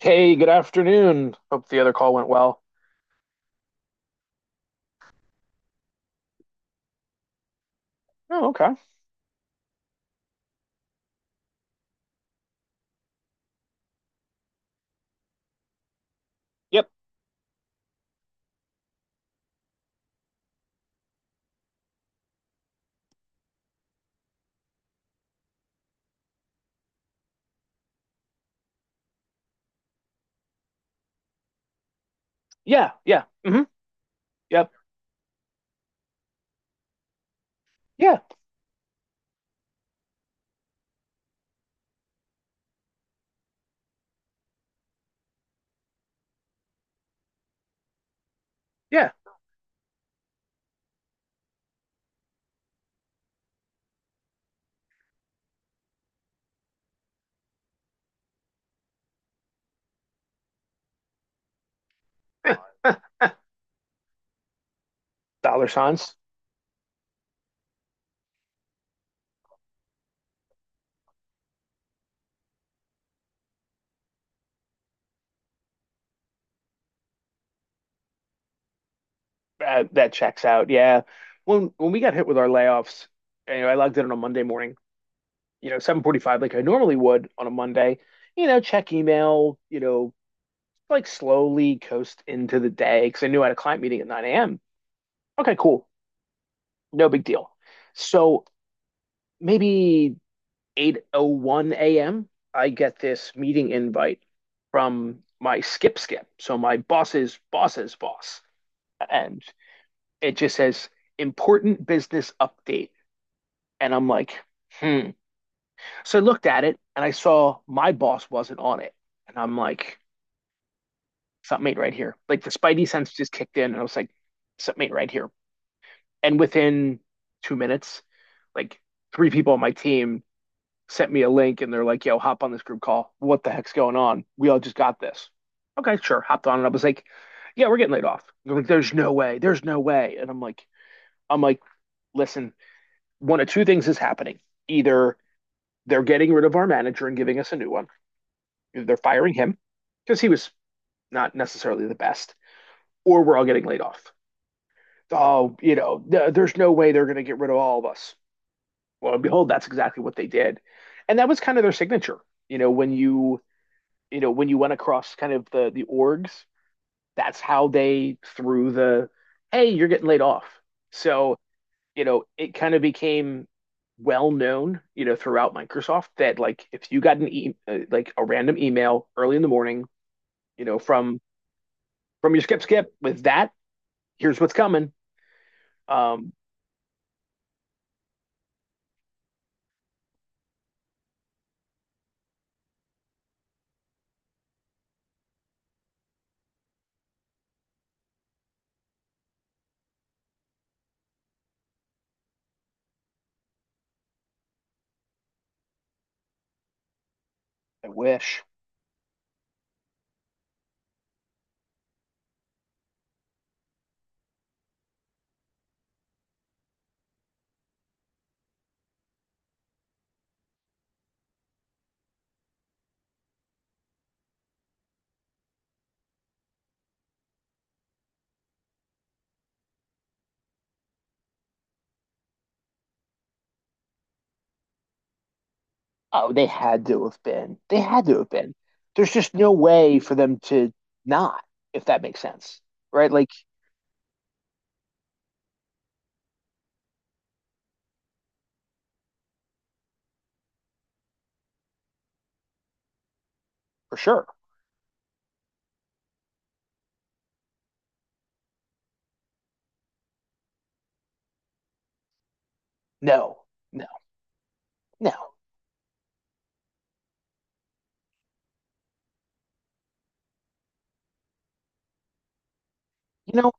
Hey, good afternoon. Hope the other call went well. Oh, okay. Yep. Yeah. Yeah. Yep. Yeah. Yeah. Huh. huh. Dollar signs. That checks out. Yeah. When we got hit with our layoffs, anyway, I logged in on a Monday morning, you know, 7:45 like I normally would on a Monday. You know, check email, you know, like slowly coast into the day because I knew I had a client meeting at 9 a.m. Okay, cool. No big deal. So maybe 8:01 a.m., I get this meeting invite from my skip, so my boss's boss's boss, and it just says important business update, and I'm like, hmm. So I looked at it and I saw my boss wasn't on it, and I'm like, something ain't right here. Like the spidey sense just kicked in, and I was like, something ain't right here. And within 2 minutes, like 3 people on my team sent me a link and they're like, yo, hop on this group call. What the heck's going on? We all just got this. Okay, sure. Hopped on and I was like, yeah, we're getting laid off. They're like, there's no way. There's no way. And I'm like, listen, one of two things is happening. Either they're getting rid of our manager and giving us a new one. Either they're firing him because he was not necessarily the best, or we're all getting laid off. Oh, you know, there's no way they're going to get rid of all of us. Well, behold, that's exactly what they did. And that was kind of their signature. You know, when you know, when you went across kind of the orgs, that's how they threw the hey, you're getting laid off. So, you know, it kind of became well known, you know, throughout Microsoft that like if you got an like a random email early in the morning, you know, from your skip skip with that, here's what's coming. Um, I wish. Oh, they had to have been. They had to have been. There's just no way for them to not, if that makes sense, right? Like for sure. No, no, no. You know,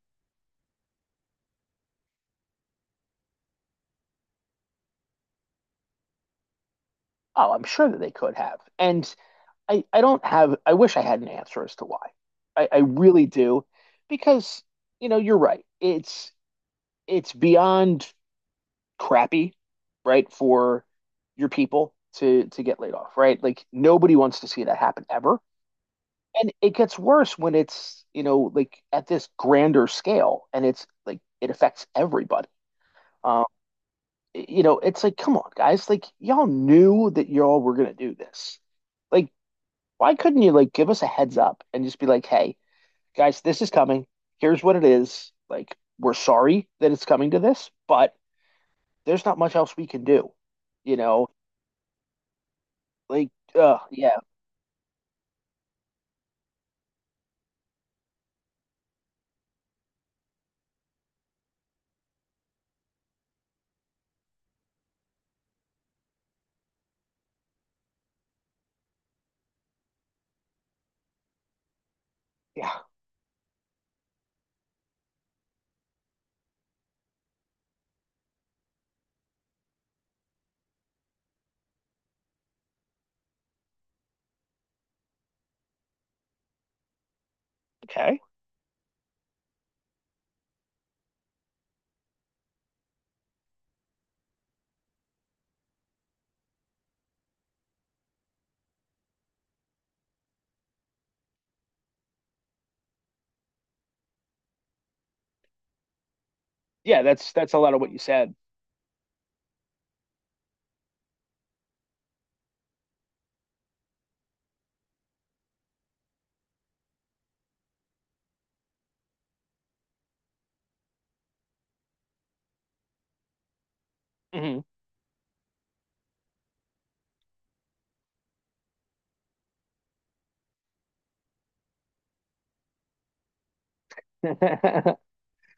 oh, I'm sure that they could have. And I don't have, I wish I had an answer as to why. I really do. Because, you know, you're right. It's beyond crappy, right, for your people to get laid off, right? Like nobody wants to see that happen ever. And it gets worse when it's, you know, like at this grander scale and it's like it affects everybody. Um, you know, it's like, come on, guys, like y'all knew that y'all were gonna do this. Like why couldn't you like give us a heads up and just be like, hey, guys, this is coming. Here's what it is. Like, we're sorry that it's coming to this, but there's not much else we can do. You know, like, uh, yeah, yeah, okay, yeah. That's a lot of what you said. Mhm.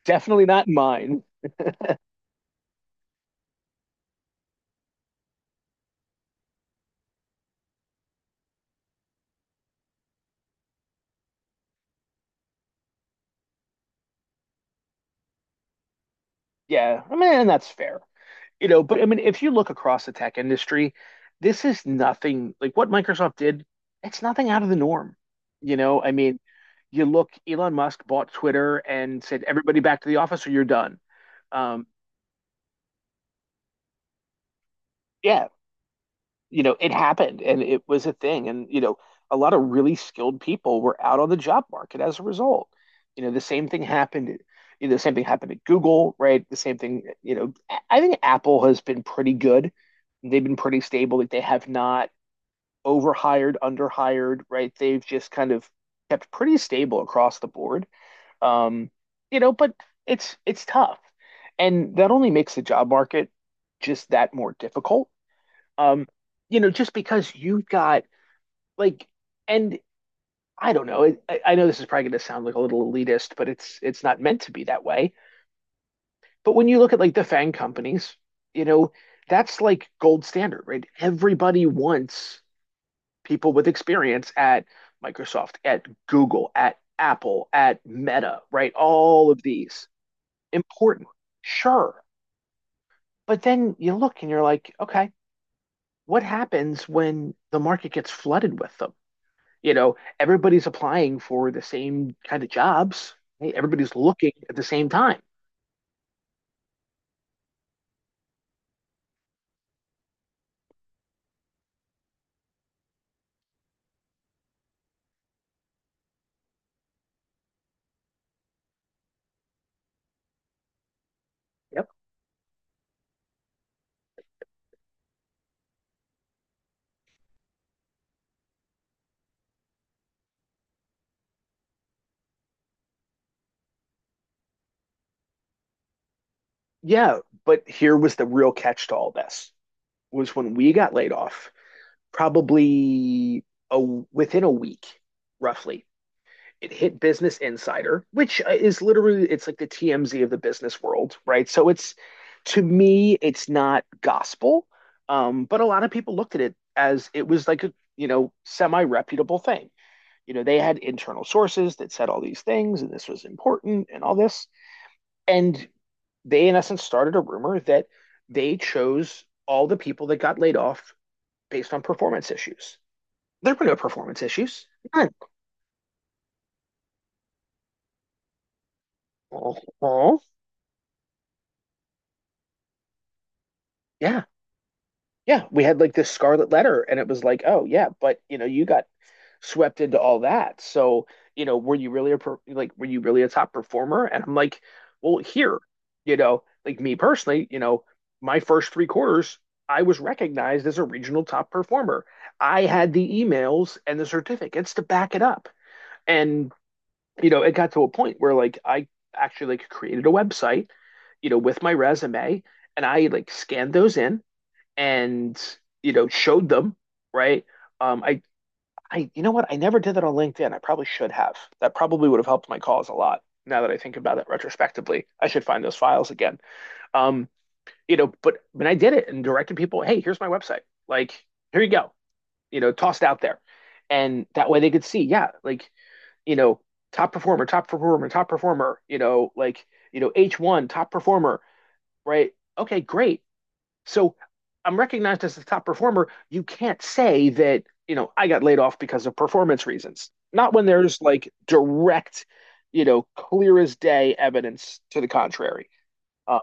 Definitely not mine. Yeah, I mean, and that's fair. You know, but I mean, if you look across the tech industry, this is nothing like what Microsoft did. It's nothing out of the norm. You know, I mean, you look, Elon Musk bought Twitter and said, everybody back to the office or you're done. Um, yeah, you know, it happened and it was a thing. And, you know, a lot of really skilled people were out on the job market as a result. You know, the same thing happened. You know, the same thing happened at Google, right? The same thing, you know, I think Apple has been pretty good. They've been pretty stable. Like they have not overhired, underhired, right? They've just kind of kept pretty stable across the board. Um, you know, but it's tough. And that only makes the job market just that more difficult. Um, you know, just because you've got like and I don't know, I know this is probably gonna sound like a little elitist, but it's not meant to be that way. But when you look at like the fang companies, you know, that's like gold standard, right? Everybody wants people with experience at Microsoft, at Google, at Apple, at Meta, right? All of these. Important, sure. But then you look and you're like, okay, what happens when the market gets flooded with them? You know, everybody's applying for the same kind of jobs, right? Everybody's looking at the same time. Yep. Yeah, but here was the real catch to all this was when we got laid off, probably a, within a week, roughly, it hit Business Insider, which is literally it's like the TMZ of the business world, right? So it's to me, it's not gospel, but a lot of people looked at it as it was like a you know semi reputable thing. You know, they had internal sources that said all these things, and this was important, and all this, and they in essence started a rumor that they chose all the people that got laid off based on performance issues. There were no performance issues. None. Oh, oh, yeah. Yeah, we had like this scarlet letter, and it was like, oh yeah, but you know, you got swept into all that. So, you know, were you really a per like were you really a top performer? And I'm like, well, here, you know, like me personally, you know, my first 3 quarters, I was recognized as a regional top performer. I had the emails and the certificates to back it up. And, you know, it got to a point where like I actually like created a website, you know, with my resume, and I like scanned those in and you know showed them, right? Um, I I you know what? I never did that on LinkedIn. I probably should have. That probably would have helped my cause a lot. Now that I think about it retrospectively, I should find those files again. Um, you know, but when I did it and directed people, hey, here's my website. Like, here you go. You know, tossed out there, and that way they could see, yeah, like you know, top performer, top performer, top performer. You know, like you know, H one top performer, right? Okay, great. So I'm recognized as the top performer. You can't say that, you know, I got laid off because of performance reasons. Not when there's like direct, you know, clear as day evidence to the contrary. Uh,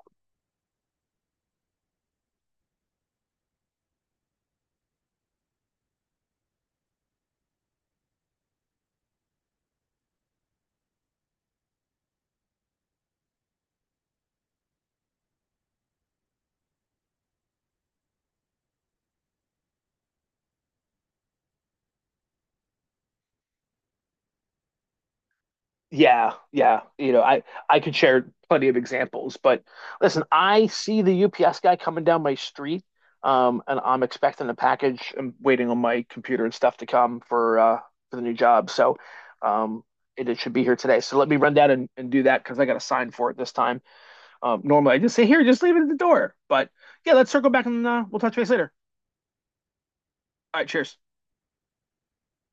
Yeah, yeah. You know, I could share plenty of examples, but listen, I see the UPS guy coming down my street, and I'm expecting a package. I'm waiting on my computer and stuff to come for the new job. So, um, it, it should be here today. So let me run down and do that because I got a sign for it this time. Normally I just say here, just leave it at the door. But yeah, let's circle back and we'll touch base later. All right, cheers.